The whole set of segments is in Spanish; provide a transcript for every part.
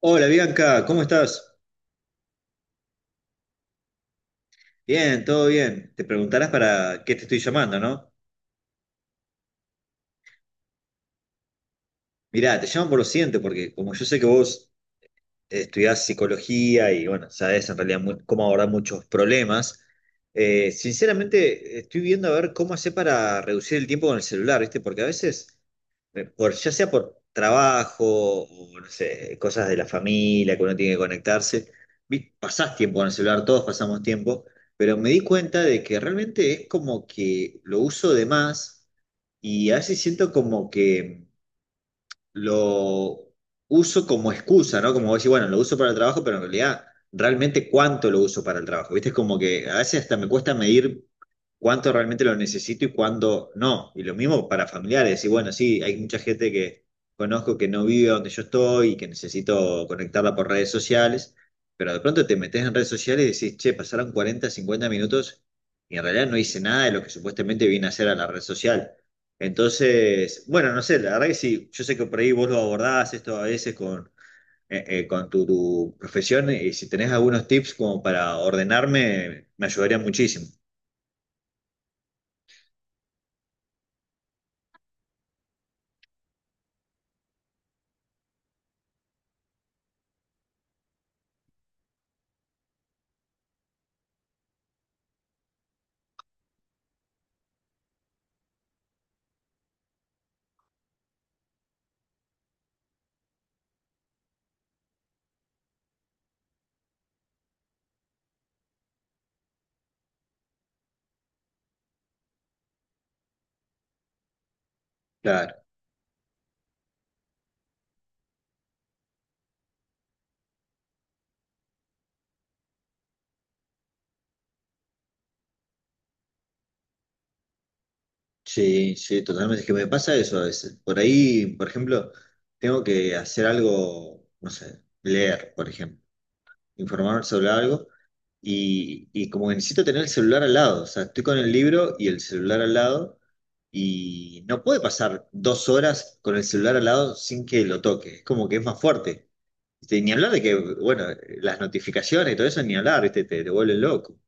Hola Bianca, ¿cómo estás? Bien, todo bien. Te preguntarás para qué te estoy llamando, ¿no? Mirá, te llamo por lo siguiente, porque como yo sé que vos estudiás psicología y bueno, sabés en realidad cómo abordar muchos problemas, sinceramente estoy viendo a ver cómo hacer para reducir el tiempo con el celular, ¿viste? Porque a veces ya sea por trabajo o no sé, cosas de la familia que uno tiene que conectarse, pasás tiempo en el celular, todos pasamos tiempo, pero me di cuenta de que realmente es como que lo uso de más y a veces siento como que lo uso como excusa, ¿no? Como vos decís, bueno, lo uso para el trabajo, pero en realidad, ¿realmente cuánto lo uso para el trabajo? ¿Viste? Es como que a veces hasta me cuesta medir cuánto realmente lo necesito y cuándo no. Y lo mismo para familiares. Y bueno, sí, hay mucha gente que conozco que no vive donde yo estoy y que necesito conectarla por redes sociales, pero de pronto te metes en redes sociales y decís, che, pasaron 40, 50 minutos y en realidad no hice nada de lo que supuestamente vine a hacer a la red social. Entonces, bueno, no sé, la verdad que sí, yo sé que por ahí vos lo abordás esto a veces con tu profesión y si tenés algunos tips como para ordenarme, me ayudaría muchísimo. Claro, sí, sí, totalmente. Es que me pasa eso a veces. Por ahí, por ejemplo, tengo que hacer algo, no sé, leer, por ejemplo, informarme sobre algo. Y como que necesito tener el celular al lado, o sea, estoy con el libro y el celular al lado, y no puede pasar 2 horas con el celular al lado sin que lo toque, es como que es más fuerte. Este, ni hablar de que, bueno, las notificaciones y todo eso, ni hablar, ¿viste? Te vuelven loco.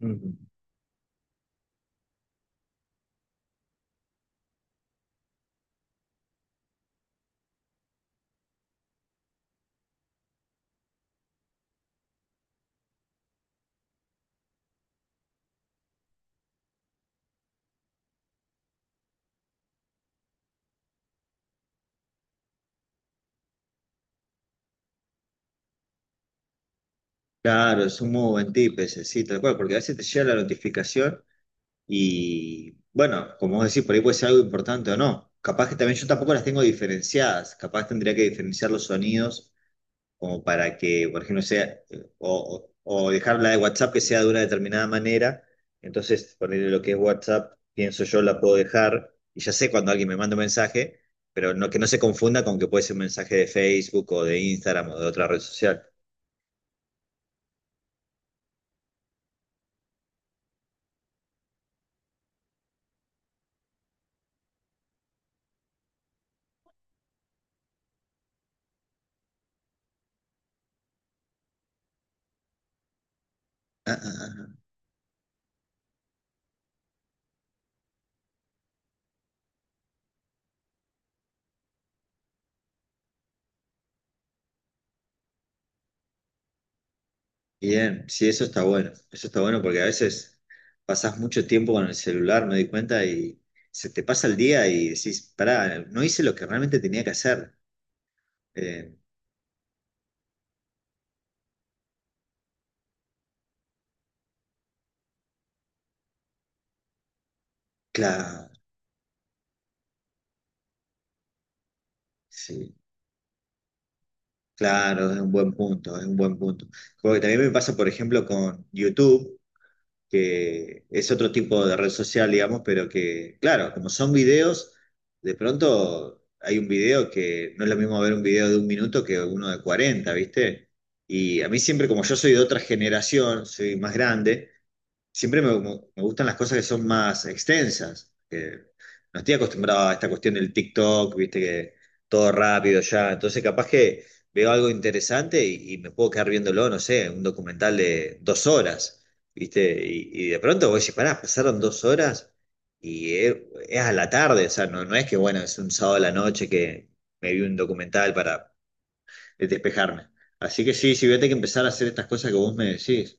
Ujú. Claro, es un modo buen sí, tal cual, porque a veces te llega la notificación y, bueno, como vos decís, por ahí puede ser algo importante o no. Capaz que también yo tampoco las tengo diferenciadas, capaz tendría que diferenciar los sonidos como para que, por ejemplo, sea, o dejar la de WhatsApp que sea de una determinada manera. Entonces, ponerle lo que es WhatsApp, pienso yo, la puedo dejar y ya sé cuando alguien me manda un mensaje, pero no, que no se confunda con que puede ser un mensaje de Facebook o de Instagram o de otra red social. Ah, ah, ah. Bien, sí, eso está bueno. Eso está bueno porque a veces pasas mucho tiempo con el celular, me di cuenta, y se te pasa el día y decís, pará, no hice lo que realmente tenía que hacer. Eh, claro, sí. Claro, es un buen punto, es un buen punto. Porque también me pasa, por ejemplo, con YouTube, que es otro tipo de red social, digamos, pero que, claro, como son videos, de pronto hay un video que no es lo mismo ver un video de un minuto que uno de 40, ¿viste? Y a mí siempre, como yo soy de otra generación, soy más grande, siempre me gustan las cosas que son más extensas, que no estoy acostumbrado a esta cuestión del TikTok, viste que todo rápido ya. Entonces, capaz que veo algo interesante y me puedo quedar viéndolo, no sé, un documental de 2 horas, viste. Y de pronto voy a decir, pará, pasaron 2 horas y es a la tarde, o sea, no, no es que, bueno, es un sábado a la noche que me vi un documental para despejarme. Así que sí, sí, voy a tener que empezar a hacer estas cosas que vos me decís.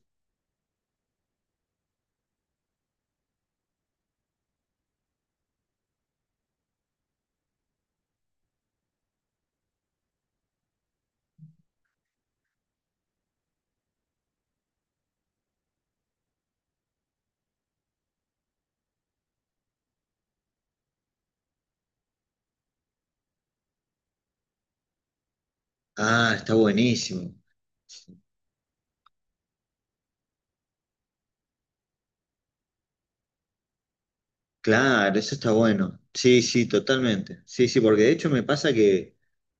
Ah, está buenísimo. Claro, eso está bueno. Sí, sí, totalmente. Sí, sí, porque de hecho me pasa que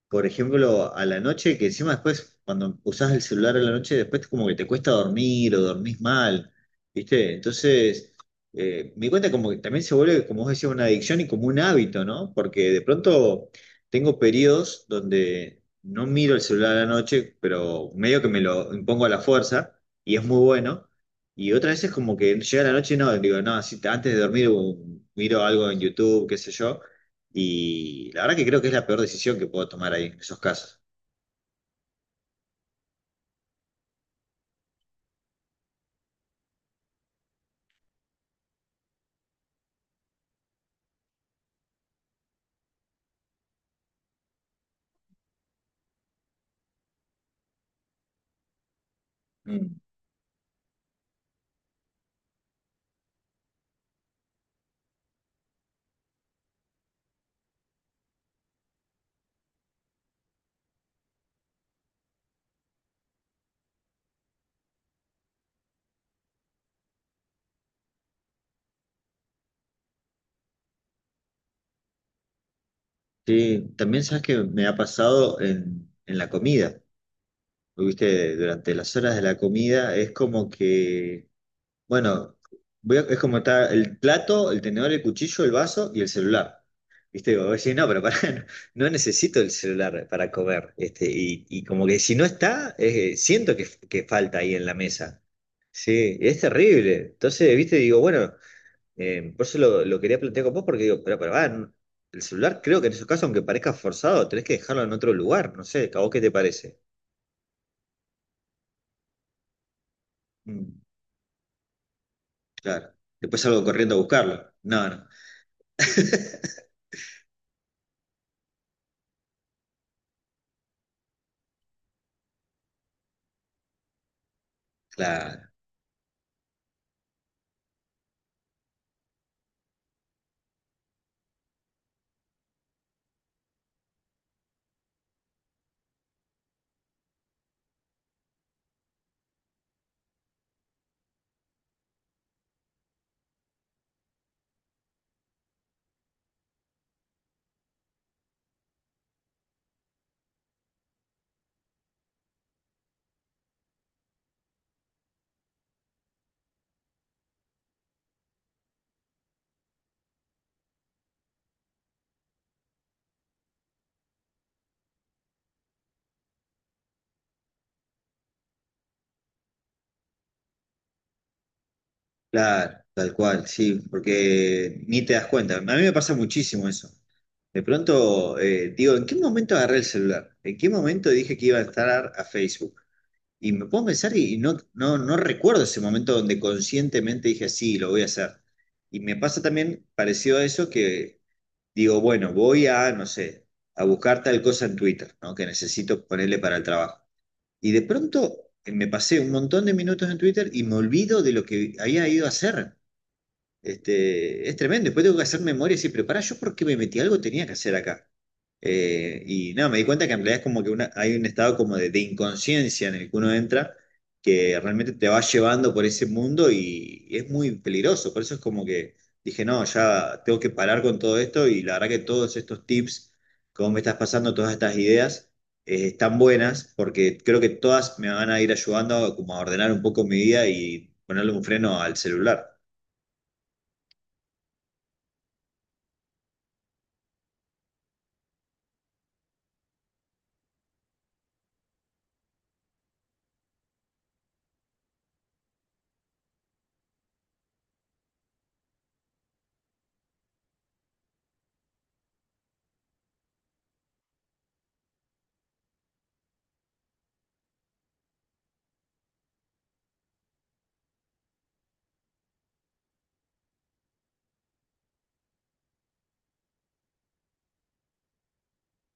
por ejemplo, a la noche, que encima después, cuando usás el celular a la noche, después como que te cuesta dormir o dormís mal, ¿viste? Entonces, me di cuenta como que también se vuelve, como vos decías, una adicción y como un hábito, ¿no? Porque de pronto tengo periodos donde no miro el celular a la noche, pero medio que me lo impongo a la fuerza y es muy bueno. Y otras veces como que llega la noche y no, digo, no, si antes de dormir miro algo en YouTube, qué sé yo. Y la verdad que creo que es la peor decisión que puedo tomar ahí, en esos casos. Sí, también sabes que me ha pasado en la comida. Pues, viste, durante las horas de la comida es como que, bueno, es como está el plato, el tenedor, el cuchillo, el vaso y el celular. Viste, digo, oye, no, pero pará, no, no necesito el celular para comer. Este, y como que si no está, siento que falta ahí en la mesa. Sí, es terrible. Entonces, viste, digo, bueno. Por eso lo quería plantear con vos, porque digo, el celular creo que en esos casos, aunque parezca forzado, tenés que dejarlo en otro lugar, no sé, ¿a vos qué te parece? Mm, claro. Después salgo corriendo a buscarlo. No, no. Claro, claro, tal cual, sí, porque ni te das cuenta. A mí me pasa muchísimo eso. De pronto, digo, ¿en qué momento agarré el celular? ¿En qué momento dije que iba a entrar a Facebook? Y me pongo a pensar y no, no, no recuerdo ese momento donde conscientemente dije, sí, lo voy a hacer. Y me pasa también parecido a eso que digo, bueno, voy a, no sé, a buscar tal cosa en Twitter, ¿no? Que necesito ponerle para el trabajo. Y de pronto me pasé un montón de minutos en Twitter y me olvido de lo que había ido a hacer. Este, es tremendo. Después tengo que hacer memoria y decir, pero pará, ¿yo por qué me metí? Algo tenía que hacer acá. Y no, me di cuenta que en realidad es como que hay un estado como de inconsciencia en el que uno entra, que realmente te va llevando por ese mundo y es muy peligroso. Por eso es como que dije, no, ya tengo que parar con todo esto y la verdad que todos estos tips, como me estás pasando, todas estas ideas, están buenas porque creo que todas me van a ir ayudando como a ordenar un poco mi vida y ponerle un freno al celular.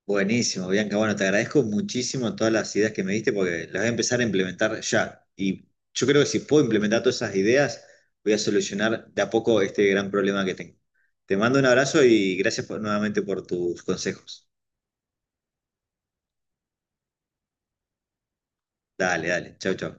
Buenísimo, Bianca. Bueno, te agradezco muchísimo todas las ideas que me diste porque las voy a empezar a implementar ya. Y yo creo que si puedo implementar todas esas ideas, voy a solucionar de a poco este gran problema que tengo. Te mando un abrazo y gracias nuevamente por tus consejos. Dale, dale. Chau, chau.